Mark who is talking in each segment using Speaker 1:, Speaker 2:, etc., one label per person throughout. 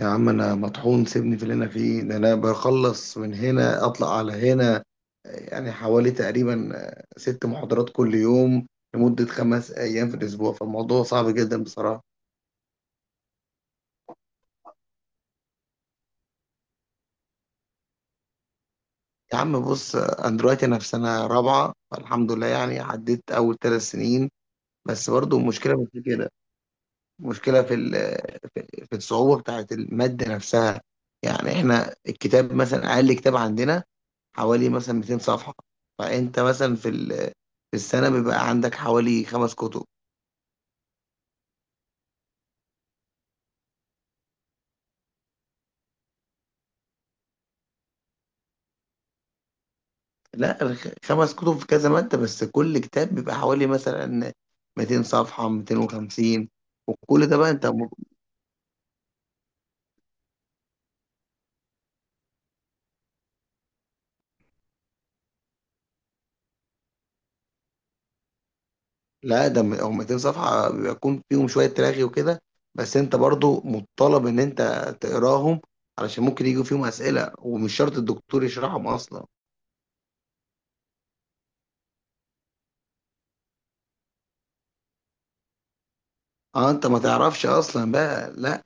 Speaker 1: يا عم، انا مطحون. سيبني في اللي انا فيه ده. انا بخلص من هنا اطلع على هنا. يعني حوالي تقريبا 6 محاضرات كل يوم لمدة 5 ايام في الاسبوع، فالموضوع صعب جدا بصراحة. يا عم بص، انا دلوقتي في سنة رابعة، فالحمد لله يعني عديت اول 3 سنين. بس برضو المشكلة مش في كده، مشكلة في الصعوبة بتاعت المادة نفسها. يعني احنا الكتاب مثلا، اقل كتاب عندنا حوالي مثلا 200 صفحة. فانت مثلا في السنة بيبقى عندك حوالي 5 كتب. لا، 5 كتب في كذا مادة، بس كل كتاب بيبقى حوالي مثلا 200 صفحة، 250. وكل ده بقى انت. لا، ده هم 200 صفحة بيكون فيهم شوية تلاغي وكده، بس انت برضو مطالب ان انت تقراهم، علشان ممكن يجوا فيهم اسئلة، ومش شرط الدكتور يشرحهم اصلا. اه، انت ما تعرفش اصلا بقى. لا،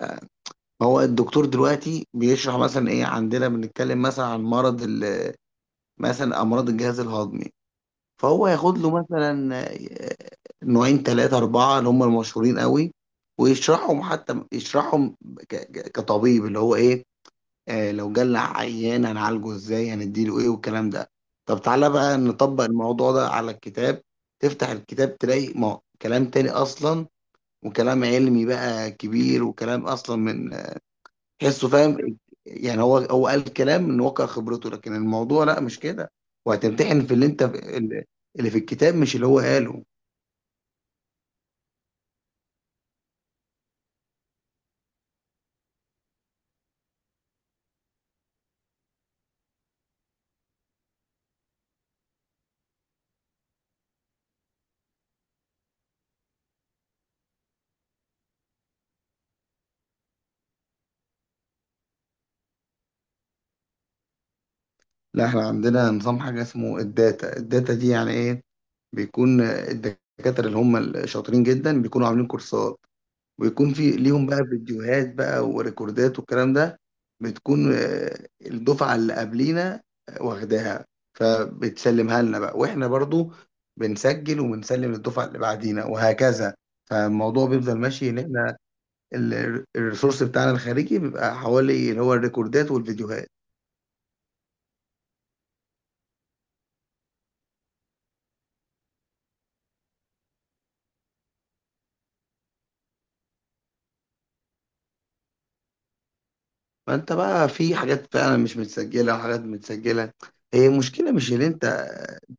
Speaker 1: ما هو الدكتور دلوقتي بيشرح مثلا ايه، عندنا بنتكلم مثلا عن مثلا امراض الجهاز الهضمي. فهو ياخد له مثلا نوعين ثلاثة أربعة اللي هم المشهورين قوي، ويشرحهم، حتى يشرحهم كطبيب، اللي هو ايه، لو جالنا عيان هنعالجه ازاي، هنديله ايه والكلام ده. طب تعالى بقى نطبق الموضوع ده على الكتاب. تفتح الكتاب تلاقي ما كلام تاني اصلا، وكلام علمي بقى كبير، وكلام اصلا من تحسه فاهم. يعني هو قال كلام من واقع خبرته، لكن الموضوع لا، مش كده. وهتمتحن في اللي في الكتاب، مش اللي هو قاله. لا، احنا عندنا نظام، حاجة اسمه الداتا. الداتا دي يعني ايه، بيكون الدكاترة اللي هم الشاطرين جدا بيكونوا عاملين كورسات، ويكون في ليهم بقى فيديوهات بقى وريكوردات والكلام ده. بتكون الدفعة اللي قبلينا واخداها، فبتسلمها لنا بقى، واحنا برضو بنسجل وبنسلم للدفعة اللي بعدينا، وهكذا. فالموضوع بيفضل ماشي ان احنا الريسورس بتاعنا الخارجي بيبقى حوالي اللي هو الريكوردات والفيديوهات. فانت بقى في حاجات فعلا مش متسجلة وحاجات متسجلة. هي مشكلة مش ان انت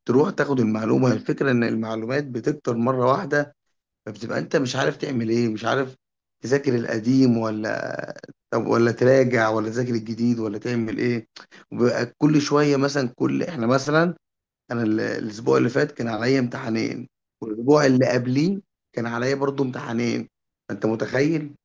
Speaker 1: تروح تاخد المعلومة، الفكرة ان المعلومات بتكتر مرة واحدة، فبتبقى انت مش عارف تعمل ايه، مش عارف تذاكر القديم ولا، طب، ولا تراجع، ولا تذاكر الجديد، ولا تعمل ايه. وبيبقى كل شويه مثلا، كل احنا مثلا انا الاسبوع اللي فات كان عليا امتحانين، والاسبوع اللي قبليه كان عليا برضو امتحانين. انت متخيل؟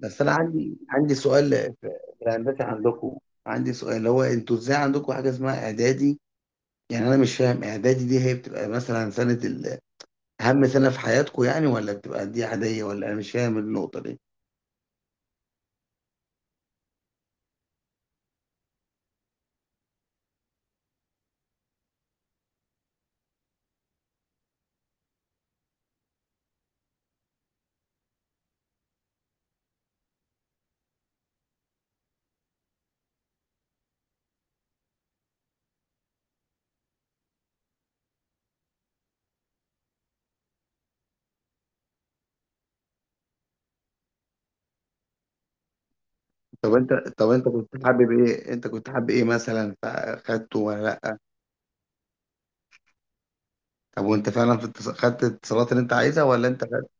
Speaker 1: بس انا عندي سؤال. في في الهندسه عندكم، عندي سؤال اللي هو: انتوا ازاي عندكم حاجه اسمها اعدادي؟ يعني انا مش فاهم، اعدادي دي هي بتبقى مثلا سنه أهم سنة في حياتكم يعني، ولا بتبقى دي عادية؟ ولا أنا مش فاهم النقطة دي. طب أنت طب أنت كنت حابب إيه؟ مثلا فأخدته ولا لأ؟ طب وأنت فعلا خدت الاتصالات اللي أنت عايزها، ولا أنت خدت؟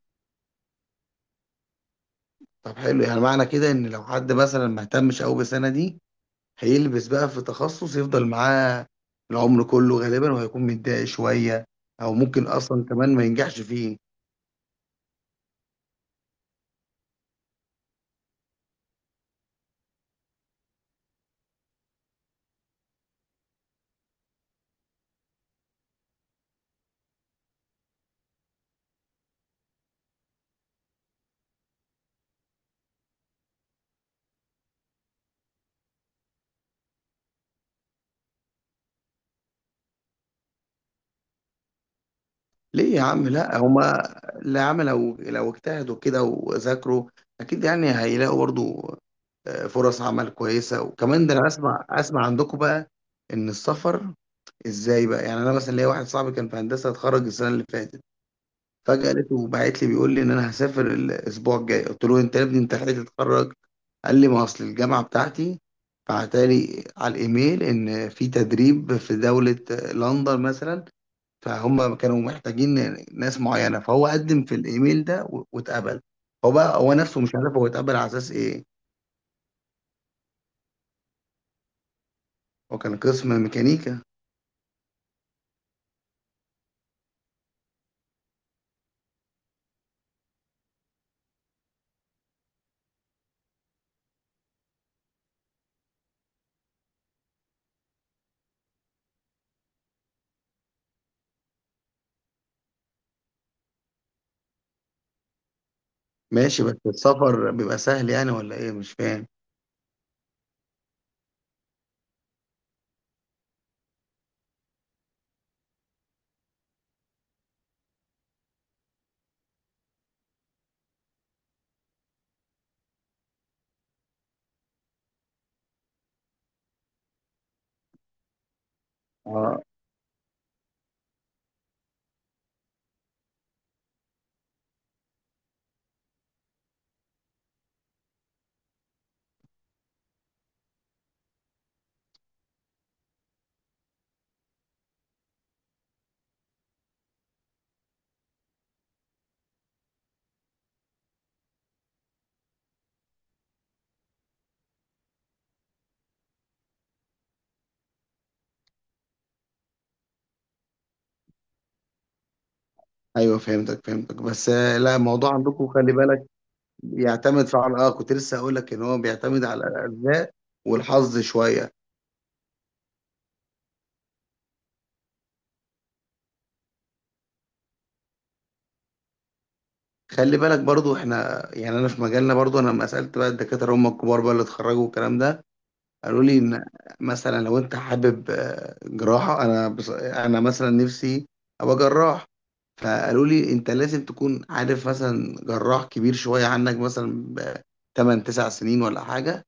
Speaker 1: طب حلو، يعني معنى كده إن لو حد مثلا ما اهتمش أوي بالسنة دي هيلبس بقى في تخصص يفضل معاه العمر كله غالبا، وهيكون متضايق شوية، أو ممكن أصلا كمان ما ينجحش فيه. ليه يا عم، لا هما اللي عمل، لو اجتهدوا كده وذاكروا اكيد يعني هيلاقوا برضو فرص عمل كويسه. وكمان ده انا اسمع عندكم بقى ان السفر ازاي بقى. يعني انا مثلا ليا واحد صاحبي كان في هندسه، اتخرج السنه اللي فاتت، فجاه لقيته باعت لي بيقول لي ان انا هسافر الاسبوع الجاي. قلت له: انت يا ابني انت لحقت تتخرج؟ قال لي: ما اصل الجامعه بتاعتي بعتالي على الايميل ان في تدريب في دوله، لندن مثلا، فهم كانوا محتاجين ناس معينة، فهو قدم في الإيميل ده واتقبل. هو بقى، هو نفسه مش عارف هو اتقبل على أساس إيه. هو كان قسم ميكانيكا. ماشي، بس السفر بيبقى سهل يعني ولا إيه؟ مش فاهم. اه، ايوه، فهمتك، بس لا، الموضوع عندكم خلي بالك بيعتمد فعلا. اه، كنت لسه اقول لك ان هو بيعتمد على الارزاق والحظ شويه. خلي بالك برضو، احنا يعني انا في مجالنا، برضو انا لما سالت بقى الدكاتره هم الكبار بقى اللي اتخرجوا والكلام ده، قالوا لي ان مثلا لو انت حابب جراحه، انا انا مثلا نفسي ابقى جراح، فقالوا لي: انت لازم تكون عارف مثلا جراح كبير شويه عنك مثلا ب 8 9 سنين ولا حاجه،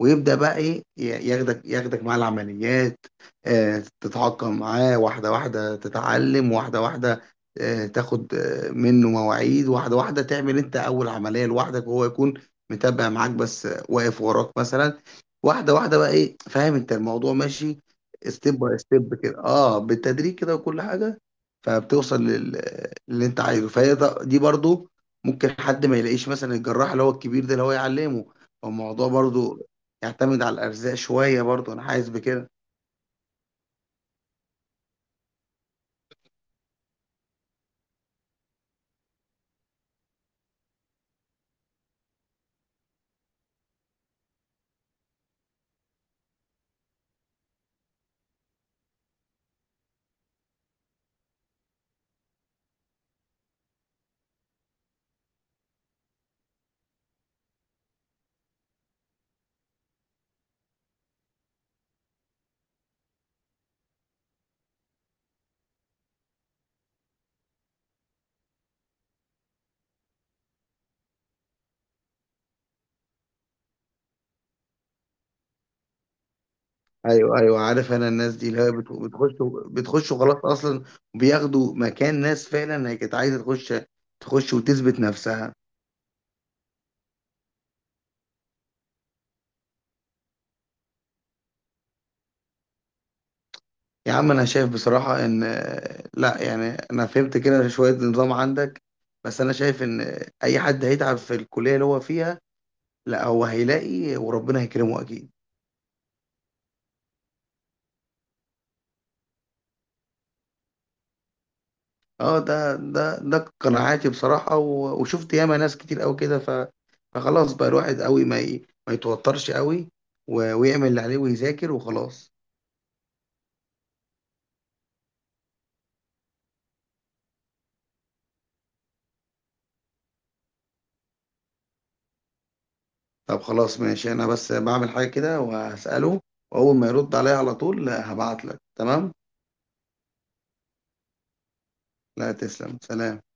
Speaker 1: ويبدأ بقى إيه ياخدك مع العمليات. تتعاقم معاه واحدة واحدة، تتعلم واحدة واحدة، تاخد منه مواعيد واحدة واحدة، تعمل أنت أول عملية لوحدك وهو يكون متابع معاك، بس واقف وراك مثلا. واحدة واحدة بقى، إيه، فاهم أنت الموضوع ماشي ستيب باي ستيب كده، بالتدريج كده، وكل حاجة، فبتوصل للي أنت عايزه. فهي دي برضو ممكن حد ما يلاقيش مثلا الجراح اللي هو الكبير ده اللي هو يعلمه. فالموضوع برضو يعتمد على الارزاق شويه برضه، انا حاسس بكده. ايوه ايوه، عارف، انا الناس دي اللي هي بتخش، بتخش وخلاص اصلا، بياخدوا مكان ناس فعلا هي كانت عايزه تخش، تخش وتثبت نفسها. يا عم انا شايف بصراحه ان، لا يعني، انا فهمت كده شويه نظام عندك، بس انا شايف ان اي حد هيتعب في الكليه اللي هو فيها لا هو هيلاقي، وربنا هيكرمه اكيد. اه، ده قناعاتي بصراحة. وشفت ياما ناس كتير قوي كده، فخلاص بقى الواحد قوي ما يتوترش قوي، ويعمل اللي عليه ويذاكر وخلاص. طب خلاص ماشي، انا بس بعمل حاجة كده وهسأله، واول ما يرد عليا على طول هبعت لك. تمام. لا، تسلم، سلام.